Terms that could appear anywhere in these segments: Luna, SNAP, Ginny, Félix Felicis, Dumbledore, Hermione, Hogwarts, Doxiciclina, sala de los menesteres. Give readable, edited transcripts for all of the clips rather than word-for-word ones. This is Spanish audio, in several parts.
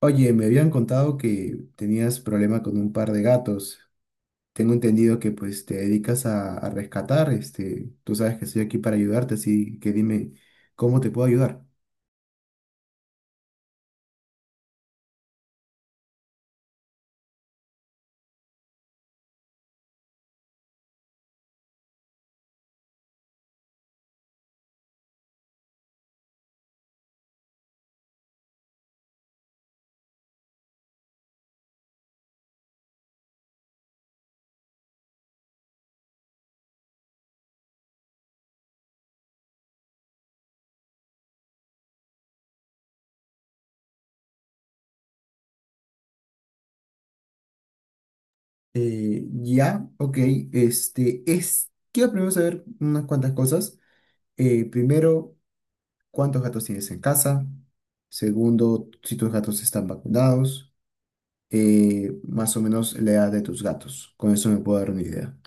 Oye, me habían contado que tenías problema con un par de gatos. Tengo entendido que pues te dedicas a rescatar, este, tú sabes que estoy aquí para ayudarte, así que dime cómo te puedo ayudar. Ya, ok, quiero primero saber unas cuantas cosas. Primero, ¿cuántos gatos tienes en casa? Segundo, si tus gatos están vacunados. Más o menos la edad de tus gatos. Con eso me puedo dar una idea.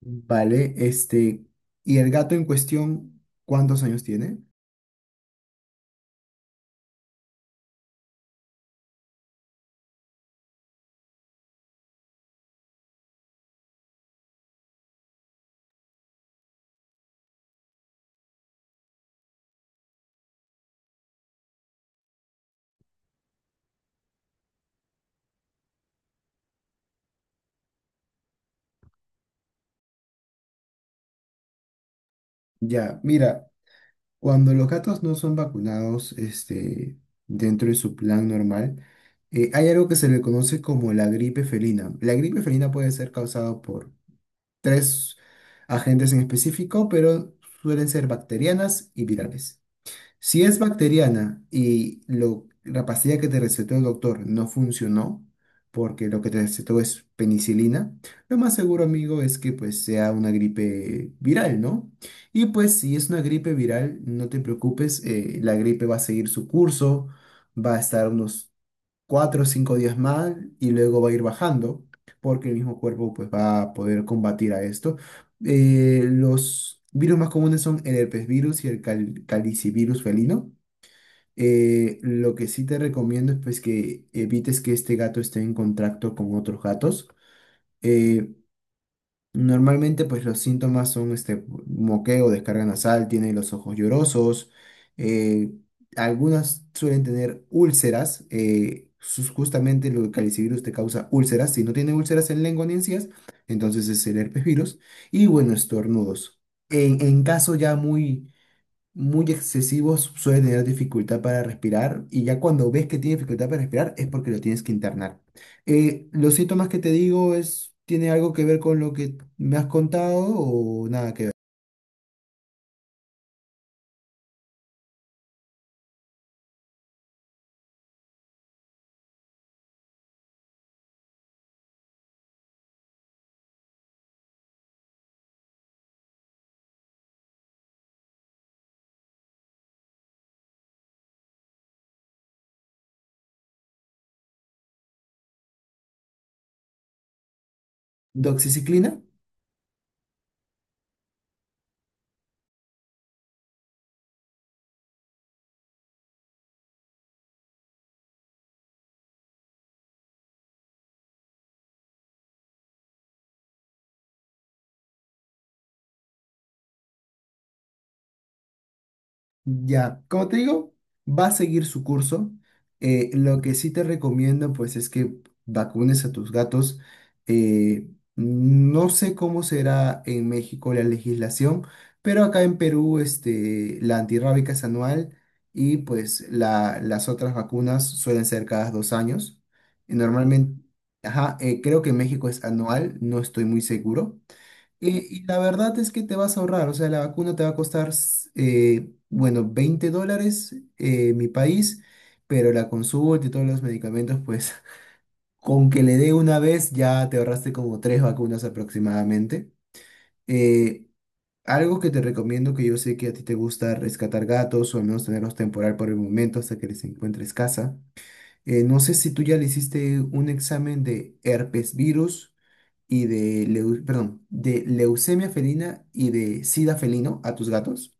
Vale, este, ¿y el gato en cuestión cuántos años tiene? Ya, mira, cuando los gatos no son vacunados, este, dentro de su plan normal, hay algo que se le conoce como la gripe felina. La gripe felina puede ser causada por tres agentes en específico, pero suelen ser bacterianas y virales. Si es bacteriana y la pastilla que te recetó el doctor no funcionó, porque lo que te recetó es penicilina, lo más seguro, amigo, es que pues sea una gripe viral, ¿no? Y pues si es una gripe viral, no te preocupes, la gripe va a seguir su curso, va a estar unos cuatro o cinco días más y luego va a ir bajando porque el mismo cuerpo pues va a poder combatir a esto. Los virus más comunes son el herpesvirus y el calicivirus felino. Lo que sí te recomiendo es pues que evites que este gato esté en contacto con otros gatos. Eh, Normalmente, pues los síntomas son este moqueo, descarga nasal, tienen los ojos llorosos, eh, algunas suelen tener úlceras, justamente el calicivirus te causa úlceras, si no tiene úlceras en lengua ni encías, entonces es el herpes virus, y bueno, estornudos. En caso ya muy excesivos, suele tener dificultad para respirar y ya cuando ves que tiene dificultad para respirar es porque lo tienes que internar. Los síntomas que te digo es, ¿tiene algo que ver con lo que me has contado o nada que ver? ¿Doxiciclina? Ya, como te digo, va a seguir su curso. Lo que sí te recomiendo, pues, es que vacunes a tus gatos. Eh, no sé cómo será en México la legislación, pero acá en Perú, este, la antirrábica es anual y, pues, las otras vacunas suelen ser cada dos años. Y normalmente, ajá, creo que en México es anual, no estoy muy seguro. Y la verdad es que te vas a ahorrar, o sea, la vacuna te va a costar, bueno, $20 mi país, pero la consulta y todos los medicamentos, pues con que le dé una vez ya te ahorraste como tres vacunas aproximadamente. Eh, Algo que te recomiendo, que yo sé que a ti te gusta rescatar gatos o al menos tenerlos temporal por el momento hasta que les encuentres casa. No sé si tú ya le hiciste un examen de herpes virus y de, perdón, de leucemia felina y de sida felino a tus gatos.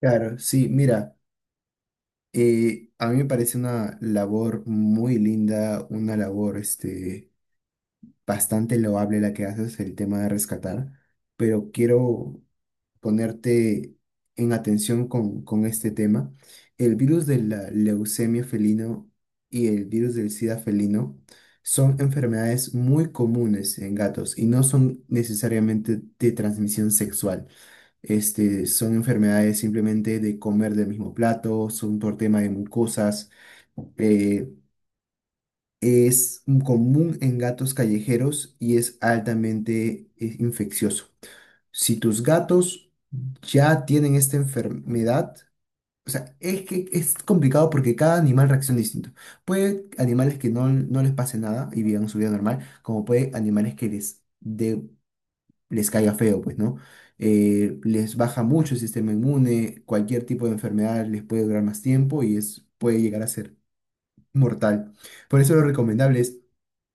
Claro, sí, mira, a mí me parece una labor muy linda, una labor este, bastante loable la que haces, el tema de rescatar, pero quiero ponerte en atención con este tema. El virus de la leucemia felino y el virus del SIDA felino son enfermedades muy comunes en gatos y no son necesariamente de transmisión sexual. Este, son enfermedades simplemente de comer del mismo plato, son por tema de mucosas. eh, es común en gatos callejeros y es altamente infeccioso. Si tus gatos ya tienen esta enfermedad, o sea, es que es complicado porque cada animal reacciona distinto. Puede animales que no les pase nada y vivan su vida normal, como puede animales que les caiga feo, pues, ¿no? Les baja mucho el sistema inmune, cualquier tipo de enfermedad les puede durar más tiempo y puede llegar a ser mortal. Por eso lo recomendable es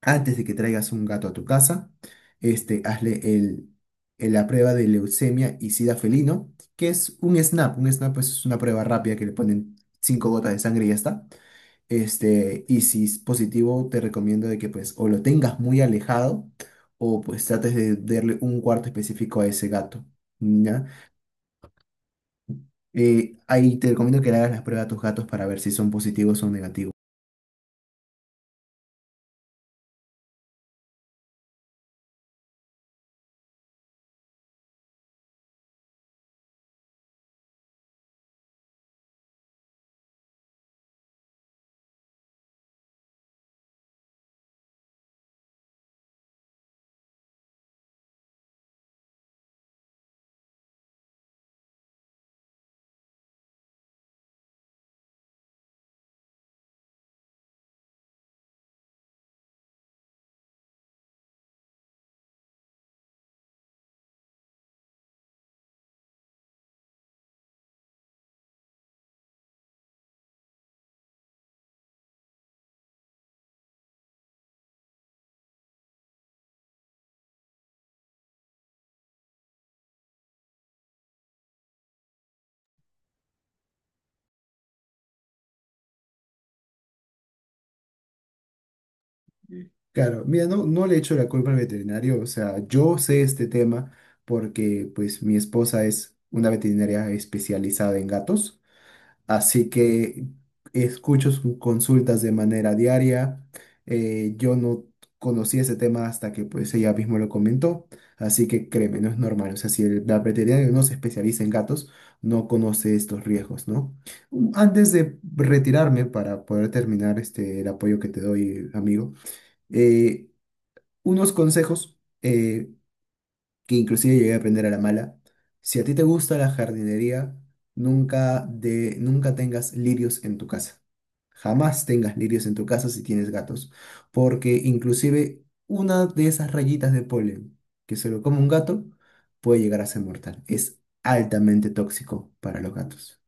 antes de que traigas un gato a tu casa, este, hazle la prueba de leucemia y sida felino, que es un SNAP. Un SNAP pues, es una prueba rápida que le ponen 5 gotas de sangre y ya está. Este, y si es positivo, te recomiendo de que pues o lo tengas muy alejado o pues trates de darle un cuarto específico a ese gato. ¿Ya? Ahí te recomiendo que le hagas las pruebas a tus gatos para ver si son positivos o negativos. Claro, mira, no le echo la culpa al veterinario, o sea, yo sé este tema porque pues mi esposa es una veterinaria especializada en gatos, así que escucho sus consultas de manera diaria, yo no conocí ese tema hasta que pues ella mismo lo comentó, así que créeme, no es normal, o sea, si el la veterinaria no se especializa en gatos, no conoce estos riesgos, ¿no? Antes de retirarme para poder terminar este, el apoyo que te doy, amigo, eh, unos consejos que inclusive llegué a aprender a la mala. Si a ti te gusta la jardinería, nunca tengas lirios en tu casa. Jamás tengas lirios en tu casa si tienes gatos, porque inclusive una de esas rayitas de polen que se lo come un gato puede llegar a ser mortal. Es altamente tóxico para los gatos.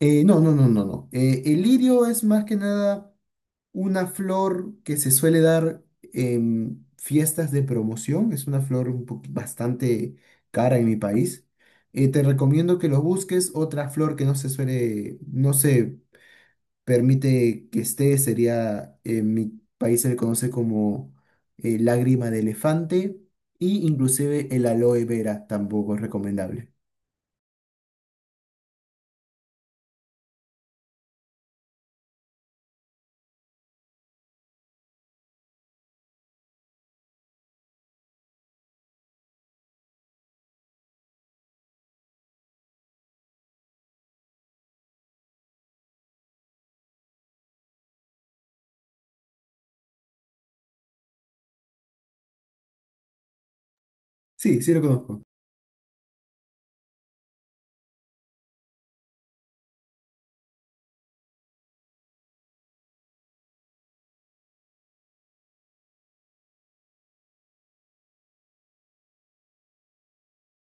No, no, no, no, no. El lirio es más que nada una flor que se suele dar en fiestas de promoción. Es una flor un bastante cara en mi país. Te recomiendo que lo busques. Otra flor que no se permite que esté, sería en mi país se le conoce como lágrima de elefante y inclusive el aloe vera tampoco es recomendable. Sí, sí lo conozco.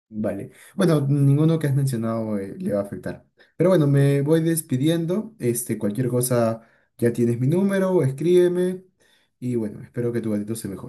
Vale. Bueno, ninguno que has mencionado le va a afectar. Pero bueno, me voy despidiendo. Este, cualquier cosa, ya tienes mi número, escríbeme. Y bueno, espero que tu gatito se mejore.